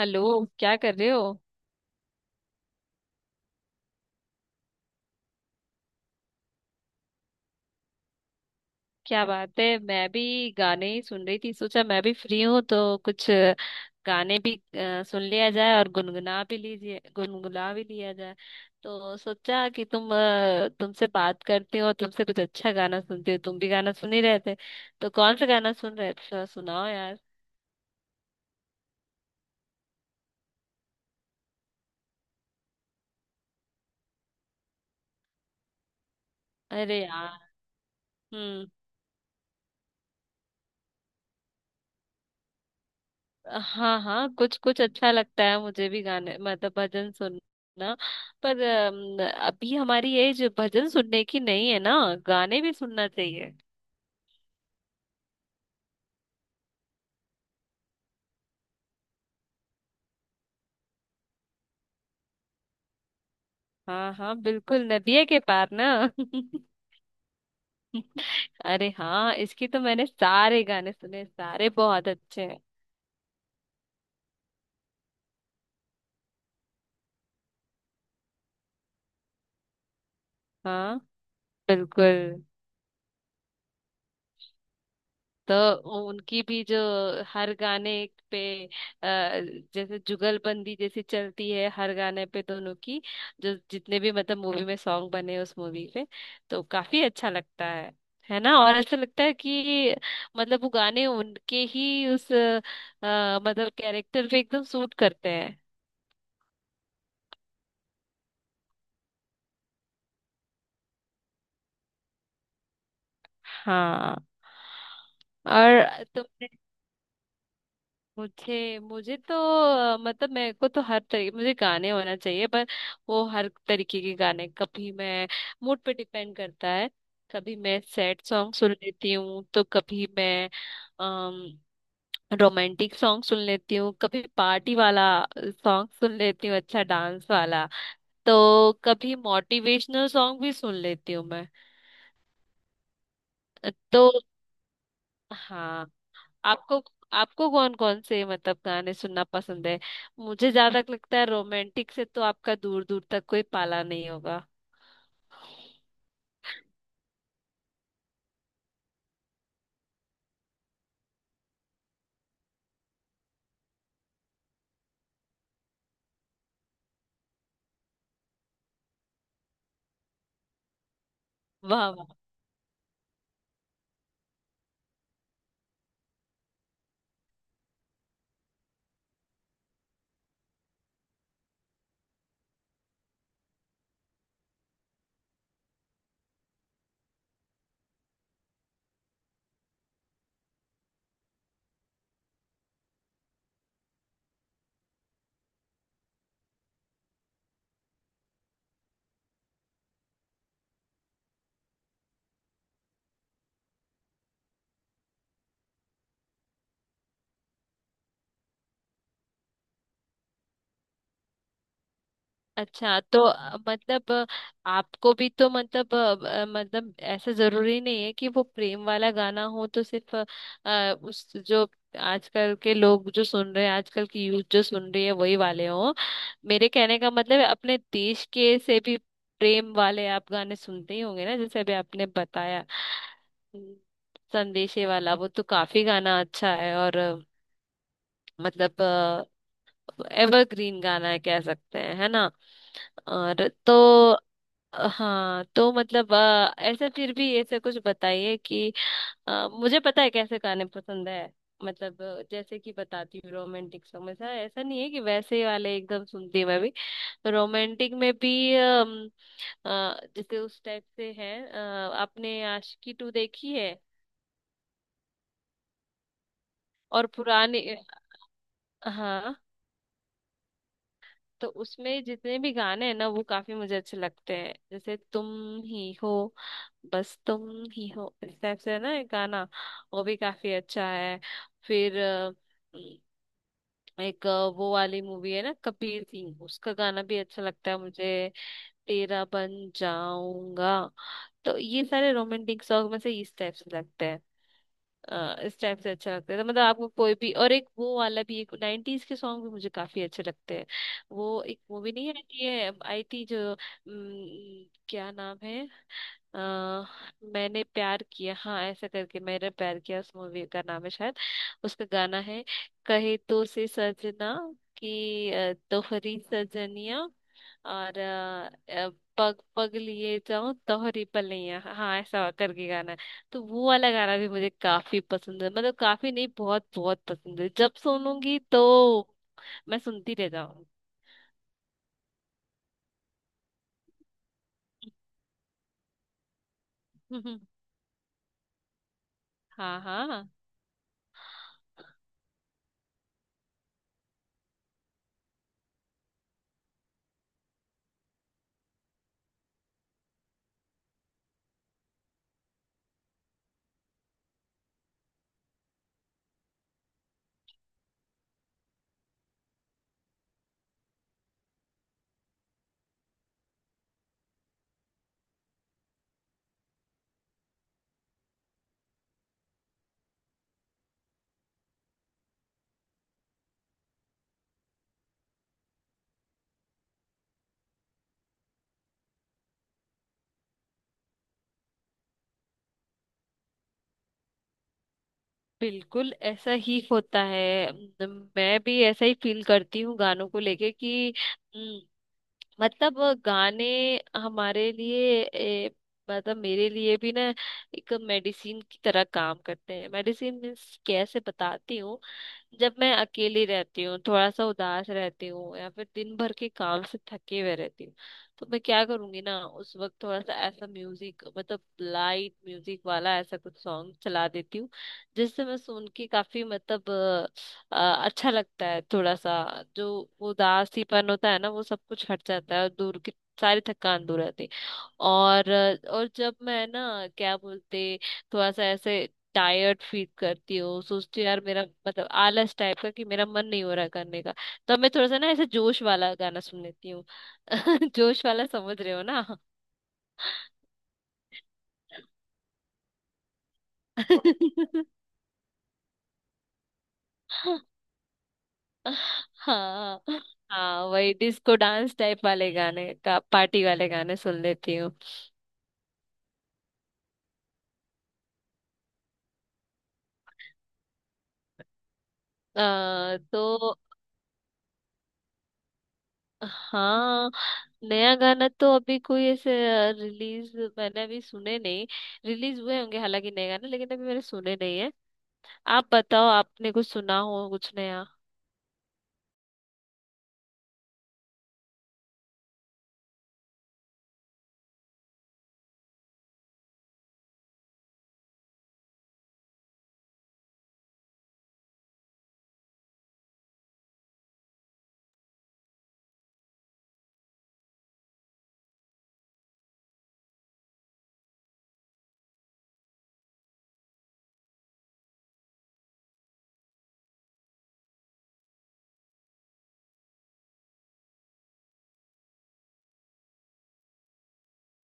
Hello, क्या कर रहे हो? क्या बात है, मैं भी गाने ही सुन रही थी। सोचा मैं भी फ्री हूँ तो कुछ गाने भी सुन लिया जाए और गुनगुना भी लीजिए, गुनगुना भी लिया जाए। तो सोचा कि तुमसे बात करती हो, तुमसे कुछ अच्छा गाना सुनती हो, तुम भी गाना सुन ही रहे थे तो कौन सा गाना सुन रहे थे, थोड़ा सुनाओ यार। अरे यार। हम्म। हाँ हाँ, कुछ कुछ अच्छा लगता है मुझे भी गाने मतलब भजन सुनना। पर अभी हमारी एज भजन सुनने की नहीं है ना, गाने भी सुनना चाहिए। हाँ हाँ, बिल्कुल, नदिया के पार ना। अरे हाँ, इसकी तो मैंने सारे गाने सुने, सारे बहुत अच्छे हैं। हाँ, बिल्कुल। तो उनकी भी जो हर गाने पे अ, जैसे जुगलबंदी जैसी चलती है हर गाने पे दोनों की, जो जितने भी मतलब मूवी में सॉन्ग बने उस मूवी पे, तो काफी अच्छा लगता है ना? और ऐसा लगता है कि मतलब वो गाने उनके ही उस मतलब कैरेक्टर पे एकदम सूट करते हैं। हाँ, और तुमने मुझे मुझे तो मतलब मेरे को तो हर तरीके मुझे गाने होना चाहिए, पर वो हर तरीके के गाने कभी मैं, मूड पे डिपेंड करता है। कभी मैं सैड सॉन्ग सुन लेती हूँ, तो कभी मैं रोमांटिक सॉन्ग सुन लेती हूँ, कभी पार्टी वाला सॉन्ग सुन लेती हूँ, अच्छा डांस वाला, तो कभी मोटिवेशनल सॉन्ग भी सुन लेती हूँ मैं। तो हाँ, आपको आपको कौन कौन से मतलब गाने सुनना पसंद है? मुझे ज्यादा लगता है रोमांटिक से तो आपका दूर दूर तक कोई पाला नहीं होगा। वाह। अच्छा, तो मतलब आपको भी तो मतलब मतलब ऐसा जरूरी नहीं है कि वो प्रेम वाला गाना हो तो सिर्फ उस जो आजकल के लोग जो सुन रहे हैं, आजकल की यूथ जो सुन रही है वही वाले हो। मेरे कहने का मतलब है, अपने देश के से भी प्रेम वाले आप गाने सुनते ही होंगे ना, जैसे अभी आपने बताया। हम्म, संदेशे वाला वो तो काफी गाना अच्छा है और मतलब एवरग्रीन गाना है, कह सकते हैं, है ना? और तो हाँ, तो मतलब ऐसे फिर भी ऐसे कुछ बताइए कि मुझे पता है कैसे गाने पसंद है, मतलब जैसे कि बताती हूँ, रोमांटिक सॉन्ग ऐसा ऐसा नहीं है कि वैसे ही वाले एकदम सुनती हूँ मैं भी। रोमांटिक में भी जैसे उस टाइप से है, आपने आशिकी टू देखी है? और पुराने। हाँ, तो उसमें जितने भी गाने हैं ना वो काफी मुझे अच्छे लगते हैं, जैसे तुम ही हो, बस तुम ही हो, इस टाइप से है ना एक गाना, वो भी काफी अच्छा है। फिर एक अ, वो वाली मूवी है ना, कबीर सिंह, उसका गाना भी अच्छा लगता है मुझे, तेरा बन जाऊंगा। तो ये सारे रोमांटिक सॉन्ग में से इस टाइप से लगते हैं। इस टाइप से अच्छा लगता है, तो मतलब आपको कोई भी, और एक वो वाला भी, एक 90s के सॉन्ग भी मुझे काफी अच्छे लगते हैं। वो एक मूवी नहीं है ये आई थी, जो क्या नाम है, अ, मैंने प्यार किया, हाँ, ऐसा करके, मैंने प्यार किया उस मूवी का नाम है शायद। उसका गाना है, कहे तो से सजना, कि तोहरी सजनिया, और पग पग लिए जाऊं तोहरी पलैया, हाँ ऐसा करके गाना है। तो वो वाला गाना भी मुझे काफी पसंद है, मतलब काफी नहीं, बहुत बहुत पसंद है, जब सुनूंगी तो मैं सुनती रह जाऊंगी। हाँ हाँ, बिल्कुल ऐसा ही होता है, मैं भी ऐसा ही फील करती हूँ गानों को लेके कि म, मतलब गाने हमारे लिए मतलब मेरे लिए भी ना एक मेडिसिन की तरह काम करते हैं। मेडिसिन मीन्स कैसे, बताती हूँ। जब मैं अकेली रहती हूँ, थोड़ा सा उदास रहती हूँ या फिर दिन भर के काम से थके हुए रहती हूँ, तो मैं क्या करूंगी ना, उस वक्त थोड़ा सा ऐसा म्यूजिक, मतलब लाइट म्यूजिक वाला ऐसा कुछ सॉन्ग चला देती हूँ, जिससे मैं सुन के काफी मतलब अच्छा लगता है, थोड़ा सा जो उदासीपन होता है ना वो सब कुछ हट जाता है और दूर की सारी थकान दूर रहती है। और और जब मैं ना, क्या बोलते, थोड़ा सा ऐसे टायर्ड फील करती हूँ, सोचती हूँ यार, मेरा मतलब आलस टाइप का कि मेरा मन नहीं हो रहा करने का, तब मैं थोड़ा सा ना ऐसे जोश वाला गाना सुन लेती हूँ। जोश वाला समझ रहे हो ना। हाँ हाँ, वही डिस्को डांस टाइप वाले गाने का, पार्टी वाले गाने सुन लेती हूँ। तो हाँ, नया गाना तो अभी कोई ऐसे रिलीज मैंने अभी सुने नहीं, रिलीज हुए होंगे हालांकि नए गाने, लेकिन अभी मैंने सुने नहीं है। आप बताओ, आपने कुछ सुना हो कुछ नया?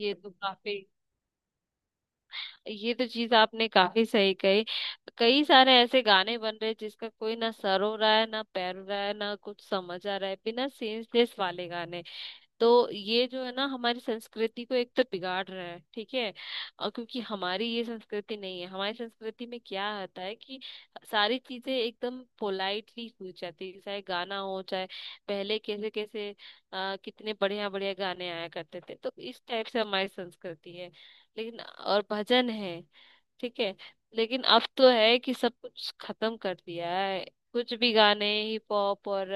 ये तो काफी, ये तो चीज आपने काफी सही कही। कई सारे ऐसे गाने बन रहे हैं जिसका कोई ना सर हो रहा है ना पैर हो रहा है ना कुछ समझ आ रहा है, बिना सेंसलेस वाले गाने। तो ये जो है ना हमारी संस्कृति को एक तो बिगाड़ रहा है, ठीक है? और क्योंकि हमारी ये संस्कृति नहीं है, हमारी संस्कृति में क्या होता है कि सारी चीजें एकदम पोलाइटली हो जाती है, चाहे गाना हो चाहे, पहले कैसे कैसे कितने बढ़िया बढ़िया गाने आया करते थे, तो इस टाइप से हमारी संस्कृति है, लेकिन और भजन है, ठीक है। लेकिन अब तो है कि सब कुछ खत्म कर दिया है, कुछ भी गाने हिप हॉप और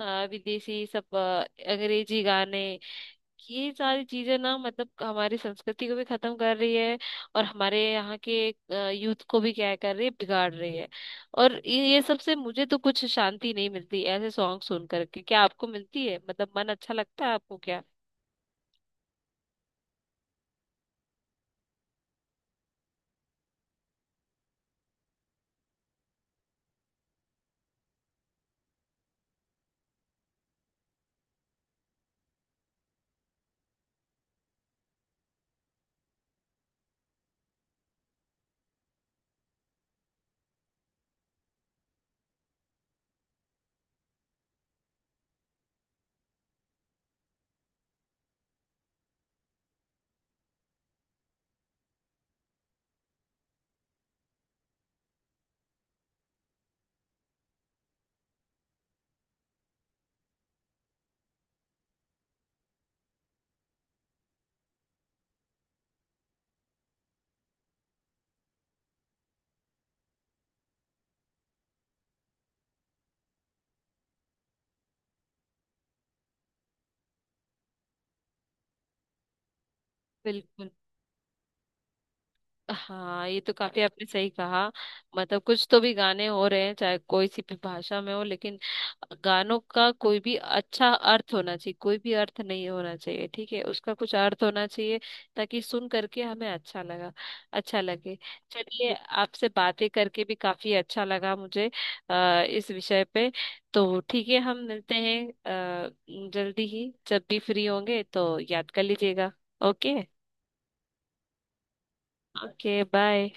विदेशी सब अंग्रेजी गाने, ये सारी चीजें ना मतलब हमारी संस्कृति को भी खत्म कर रही है और हमारे यहाँ के यूथ को भी क्या कर रही है, बिगाड़ रही है। और ये सब से मुझे तो कुछ शांति नहीं मिलती ऐसे सॉन्ग सुन करके, क्या आपको मिलती है? मतलब मन अच्छा लगता है आपको क्या? बिल्कुल, हाँ, ये तो काफी आपने सही कहा। मतलब कुछ तो भी गाने हो रहे हैं चाहे कोई सी भी भाषा में हो, लेकिन गानों का कोई भी अच्छा अर्थ होना चाहिए, कोई भी अर्थ नहीं होना चाहिए, ठीक है, उसका कुछ अर्थ होना चाहिए, ताकि सुन करके हमें अच्छा लगा, अच्छा लगे। चलिए आपसे बातें करके भी काफी अच्छा लगा मुझे, इस विषय पे, तो ठीक है हम मिलते हैं, आ, जल्दी ही जब भी फ्री होंगे तो याद कर लीजिएगा। ओके। Okay bye.